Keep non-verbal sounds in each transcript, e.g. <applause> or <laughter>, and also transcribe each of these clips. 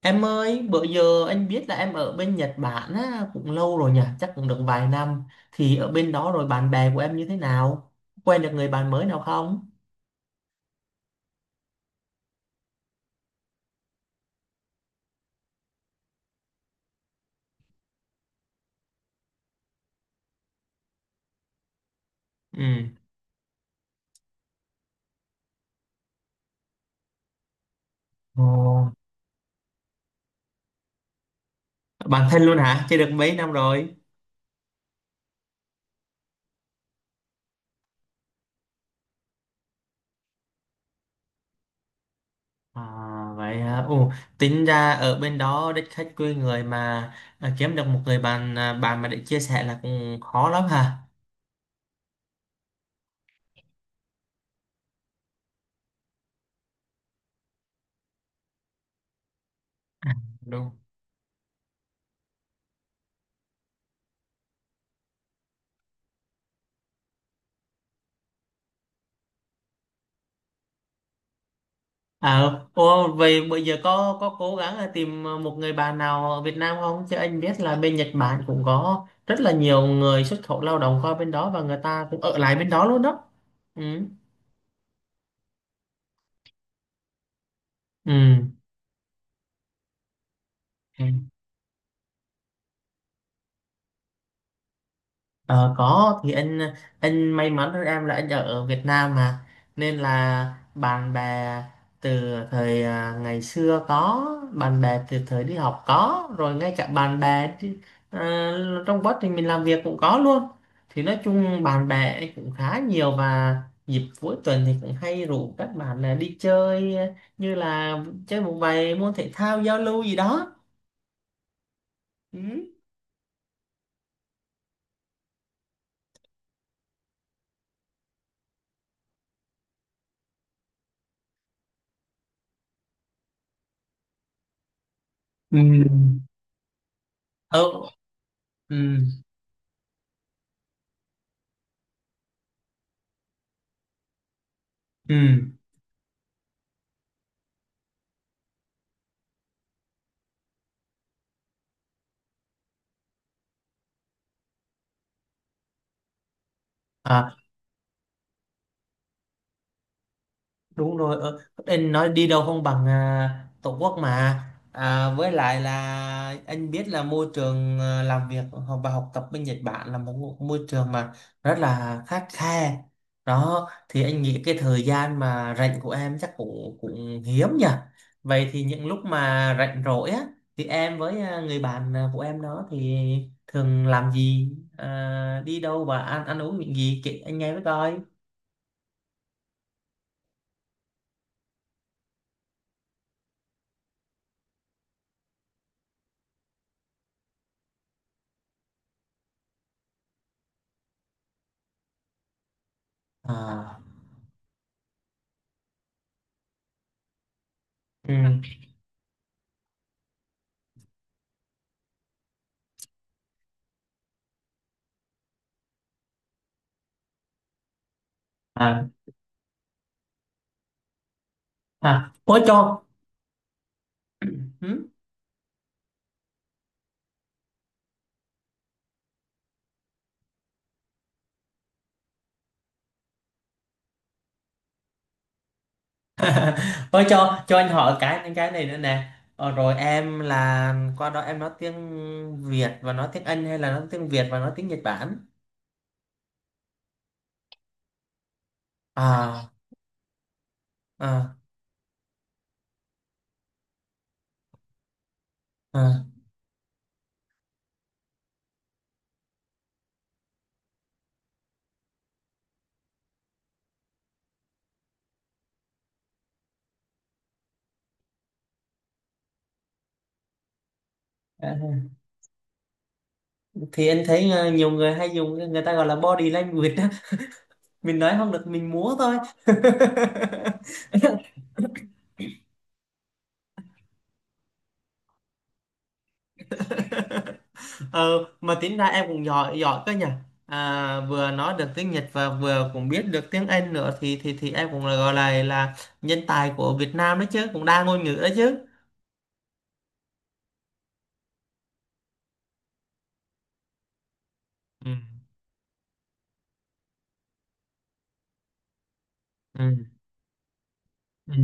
Em ơi, bữa giờ anh biết là em ở bên Nhật Bản á, cũng lâu rồi nhỉ, chắc cũng được vài năm. Thì ở bên đó rồi bạn bè của em như thế nào? Quen được người bạn mới nào không? Ừ. Ồ, bạn thân luôn hả? Chơi được mấy năm rồi? À, vậy hả? Ồ, tính ra ở bên đó đất khách quê người mà kiếm được một người bạn bạn mà để chia sẻ là cũng khó lắm hả? À, đúng. À, ô, vậy bây giờ có cố gắng là tìm một người bạn nào ở Việt Nam không? Chứ anh biết là bên Nhật Bản cũng có rất là nhiều người xuất khẩu lao động qua bên đó và người ta cũng ở lại bên đó luôn đó. Ừ. Ừ. Ừ. Ờ, có thì anh may mắn hơn em là anh ở Việt Nam mà, nên là bạn bè từ thời ngày xưa có, bạn bè từ thời đi học có rồi, ngay cả bạn bè đi- à, trong quá trình mình làm việc cũng có luôn. Thì nói chung bạn bè anh cũng khá nhiều, và dịp cuối tuần thì cũng hay rủ các bạn là đi chơi, như là chơi một vài môn thể thao giao lưu gì đó. Ừ. Ừ. Ừ. Ừ. Ừ. Đúng rồi. Anh nói đi đâu không bằng tổ quốc mà. Với lại là anh biết là môi trường làm việc, ờ, học- và học tập bên Nhật Bản là một môi trường mà rất là khắt khe đó, thì anh nghĩ cái thời gian mà rảnh của em chắc cũng cũng hiếm nhỉ. Vậy thì những lúc mà rảnh rỗi á, thì em với người bạn của em đó thì thường làm gì, đi đâu và ăn ăn uống những gì, kể anh nghe với coi. À, ừ. À ôi cho. Hử? <laughs> Ôi cho, anh hỏi cái này nữa nè. Ờ, rồi em là qua đó em nói tiếng Việt và nói tiếng Anh hay là nói tiếng Việt và nói tiếng Nhật Bản? À, à, à. À, thì anh thấy ờ, nhiều người hay dùng người ta gọi là body language á. Mình nói không được mình múa thôi. <laughs> <laughs> Ờ, mà tính ra em cũng giỏi giỏi cơ nhỉ, vừa nói được tiếng Nhật và vừa cũng biết được tiếng Anh nữa, thì em cũng là gọi là nhân tài của Việt Nam đấy chứ, cũng đa ngôn ngữ đấy chứ. Ừ. Ừ. Ừ.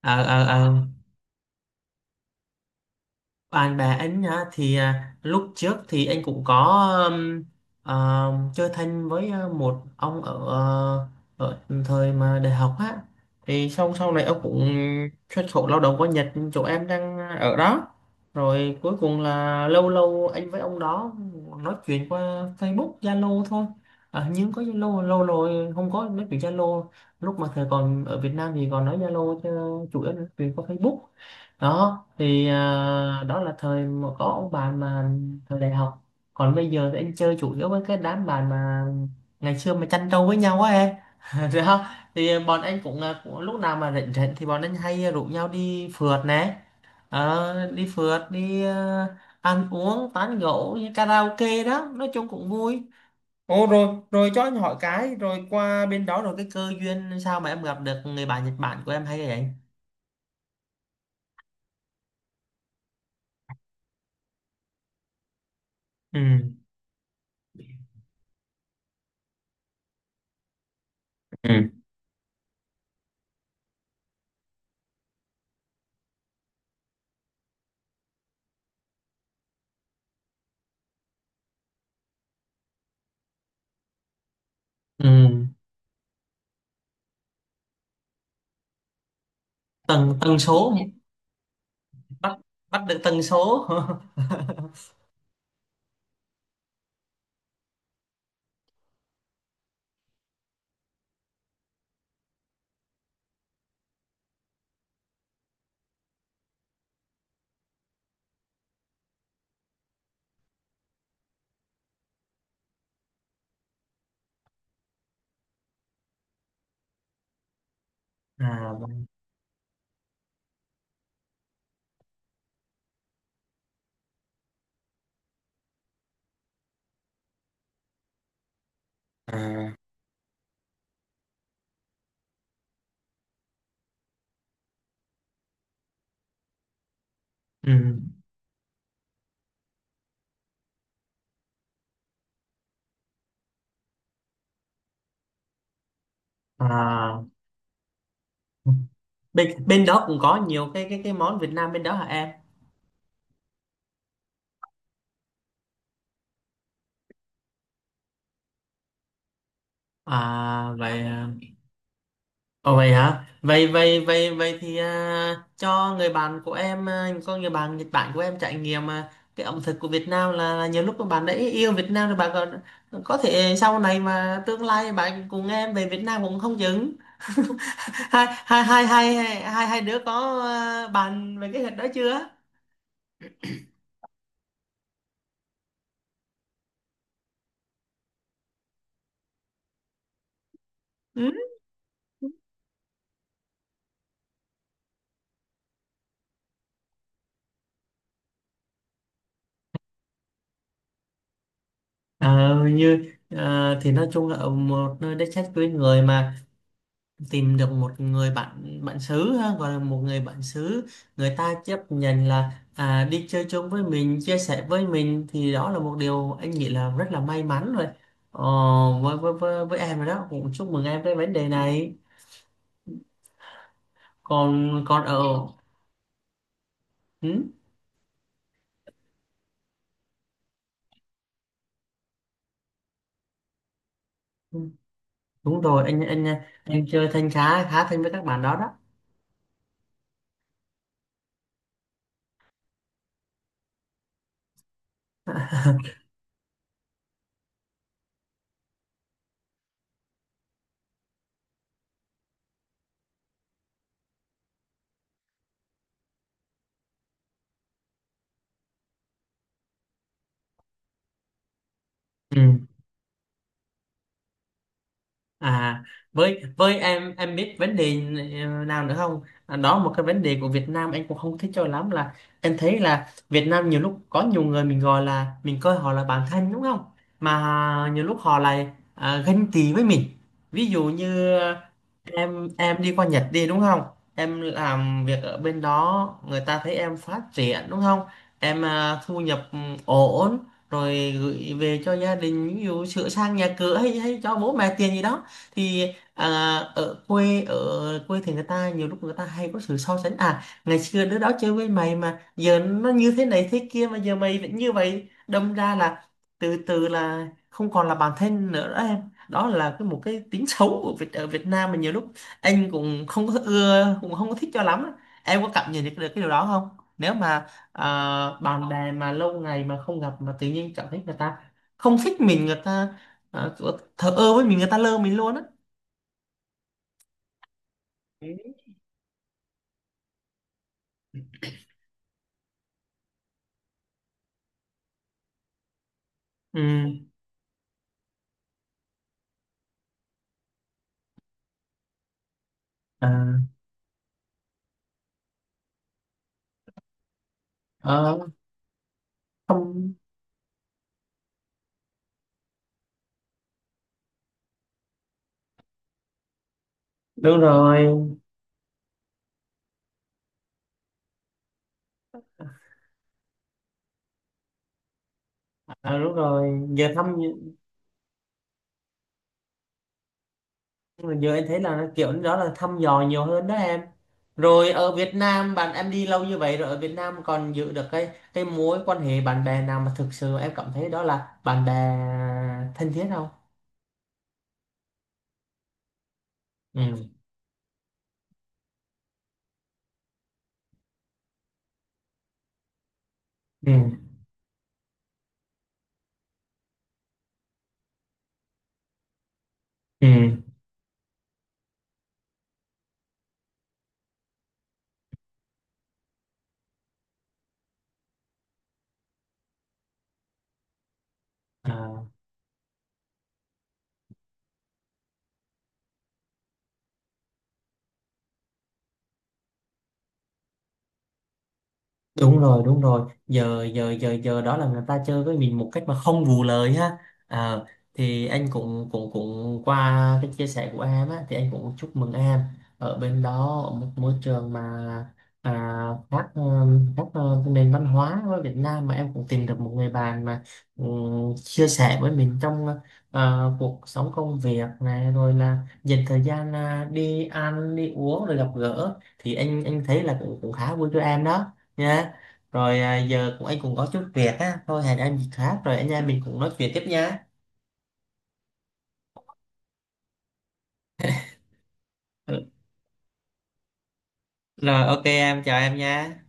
Ờ. Bạn bè anh á, thì lúc trước thì anh cũng có, chơi thân với một ông ở ờ, ở thời mà đại học á, thì sau sau này ông cũng xuất khẩu lao động qua Nhật chỗ em đang ở đó. Rồi cuối cùng là lâu lâu anh với ông đó nói chuyện qua Facebook Zalo thôi. Ờ, nhưng có Zalo lâu rồi không có nói chuyện Zalo, lúc mà thời còn ở Việt Nam thì còn nói Zalo chứ, chủ yếu là nói chuyện qua Facebook đó. Thì đó là thời mà có ông bạn mà thời đại học. Còn bây giờ thì anh chơi chủ yếu với cái đám bạn mà ngày xưa mà chăn trâu với nhau á em. <laughs> Rồi không, thì bọn anh cũng, cũng lúc nào mà rảnh rảnh thì bọn anh hay rủ nhau đi phượt nè. Ờ, đi phượt đi, ăn uống tán gẫu như karaoke đó, nói chung cũng vui. Ồ rồi, rồi cho anh hỏi cái, rồi qua bên đó rồi cái cơ duyên sao mà em gặp được người bạn Nhật Bản của em hay vậy? Ừ. Ừ. Ừ. Tần tần số. Bắt bắt được tần số. <laughs> À, à, ừ, à, bên bên đó cũng có nhiều cái món Việt Nam bên đó hả em? À vậy. Ồ vậy hả? Vậy vậy vậy vậy thì cho người bạn của em, có người bạn Nhật Bản của em trải nghiệm cái ẩm thực của Việt Nam, là nhiều lúc mà bạn đã yêu Việt Nam rồi, bạn còn có thể sau này mà tương lai bạn cùng em về Việt Nam cũng không chừng. <laughs> Hai hai hai hai hai hai đứa có bàn về cái hình đó chưa? Ừ. Ờ, thì nói chung là ở một nơi đất khách quê người mà tìm được một người bạn, bạn xứ ha gọi là một người bạn xứ, người ta chấp nhận là đi chơi chung với mình, chia sẻ với mình, thì đó là một điều anh nghĩ là rất là may mắn rồi. Ờ, với, em rồi đó, cũng chúc mừng em với vấn đề này. Còn còn ở Ừ, đúng rồi. Anh chơi thân khá khá thân với các bạn đó đó. <laughs> Ừ. À, với em biết vấn đề nào nữa không? À, đó một cái vấn đề của Việt Nam anh cũng không thích cho lắm là, em thấy là Việt Nam nhiều lúc có nhiều người mình gọi là mình coi họ là bạn thân đúng không? Mà nhiều lúc họ lại ganh tị với mình. Ví dụ như à, em đi qua Nhật đi đúng không? Em làm việc ở bên đó người ta thấy em phát triển đúng không? Em thu nhập ổn, rồi gửi về cho gia đình, ví dụ sửa sang nhà cửa hay hay cho bố mẹ tiền gì đó. Thì ở quê, thì người ta nhiều lúc người ta hay có sự so sánh: à ngày xưa đứa đó chơi với mày mà giờ nó như thế này thế kia mà giờ mày vẫn như vậy, đâm ra là từ từ là không còn là bản thân nữa đó em. Đó là một cái tính xấu của Việt Nam mà nhiều lúc anh cũng không có ưa cũng không có thích cho lắm á. Em có cảm nhận được, được cái điều đó không, nếu mà à, bạn bè mà lâu ngày mà không gặp mà tự nhiên cảm thấy người ta không thích mình, người ta à, thờ ơ với mình, người ta lơ mình luôn á? Ừ. À, ờ, không. Đúng rồi. à, đúng rồi giờ thăm Giờ em thấy là kiểu đó là thăm dò nhiều hơn đó em. Rồi ở Việt Nam, bạn em đi lâu như vậy rồi, ở Việt Nam còn giữ được cái mối quan hệ bạn bè nào mà thực sự em cảm thấy đó là bạn bè thân thiết không? Ừ. Ừ. Ừ. À. Đúng rồi, đúng rồi. Giờ giờ giờ giờ Đó là người ta chơi với mình một cách mà không vù lời ha. Ờ, thì anh cũng cũng cũng qua cái chia sẻ của em á, thì anh cũng chúc mừng em ở bên đó, ở một môi trường mà à, khác khác nền văn hóa với Việt Nam mà em cũng tìm được một người bạn mà chia sẻ với mình trong cuộc sống công việc này, rồi là dành thời gian đi ăn đi uống rồi gặp gỡ, thì anh thấy là cũng cũng khá vui cho em đó nha. Rồi à, giờ cũng anh cũng có chút việc á, thôi hẹn em dịp khác rồi anh em mình cũng nói chuyện tiếp nha. Ừ, rồi ok em chào em nha.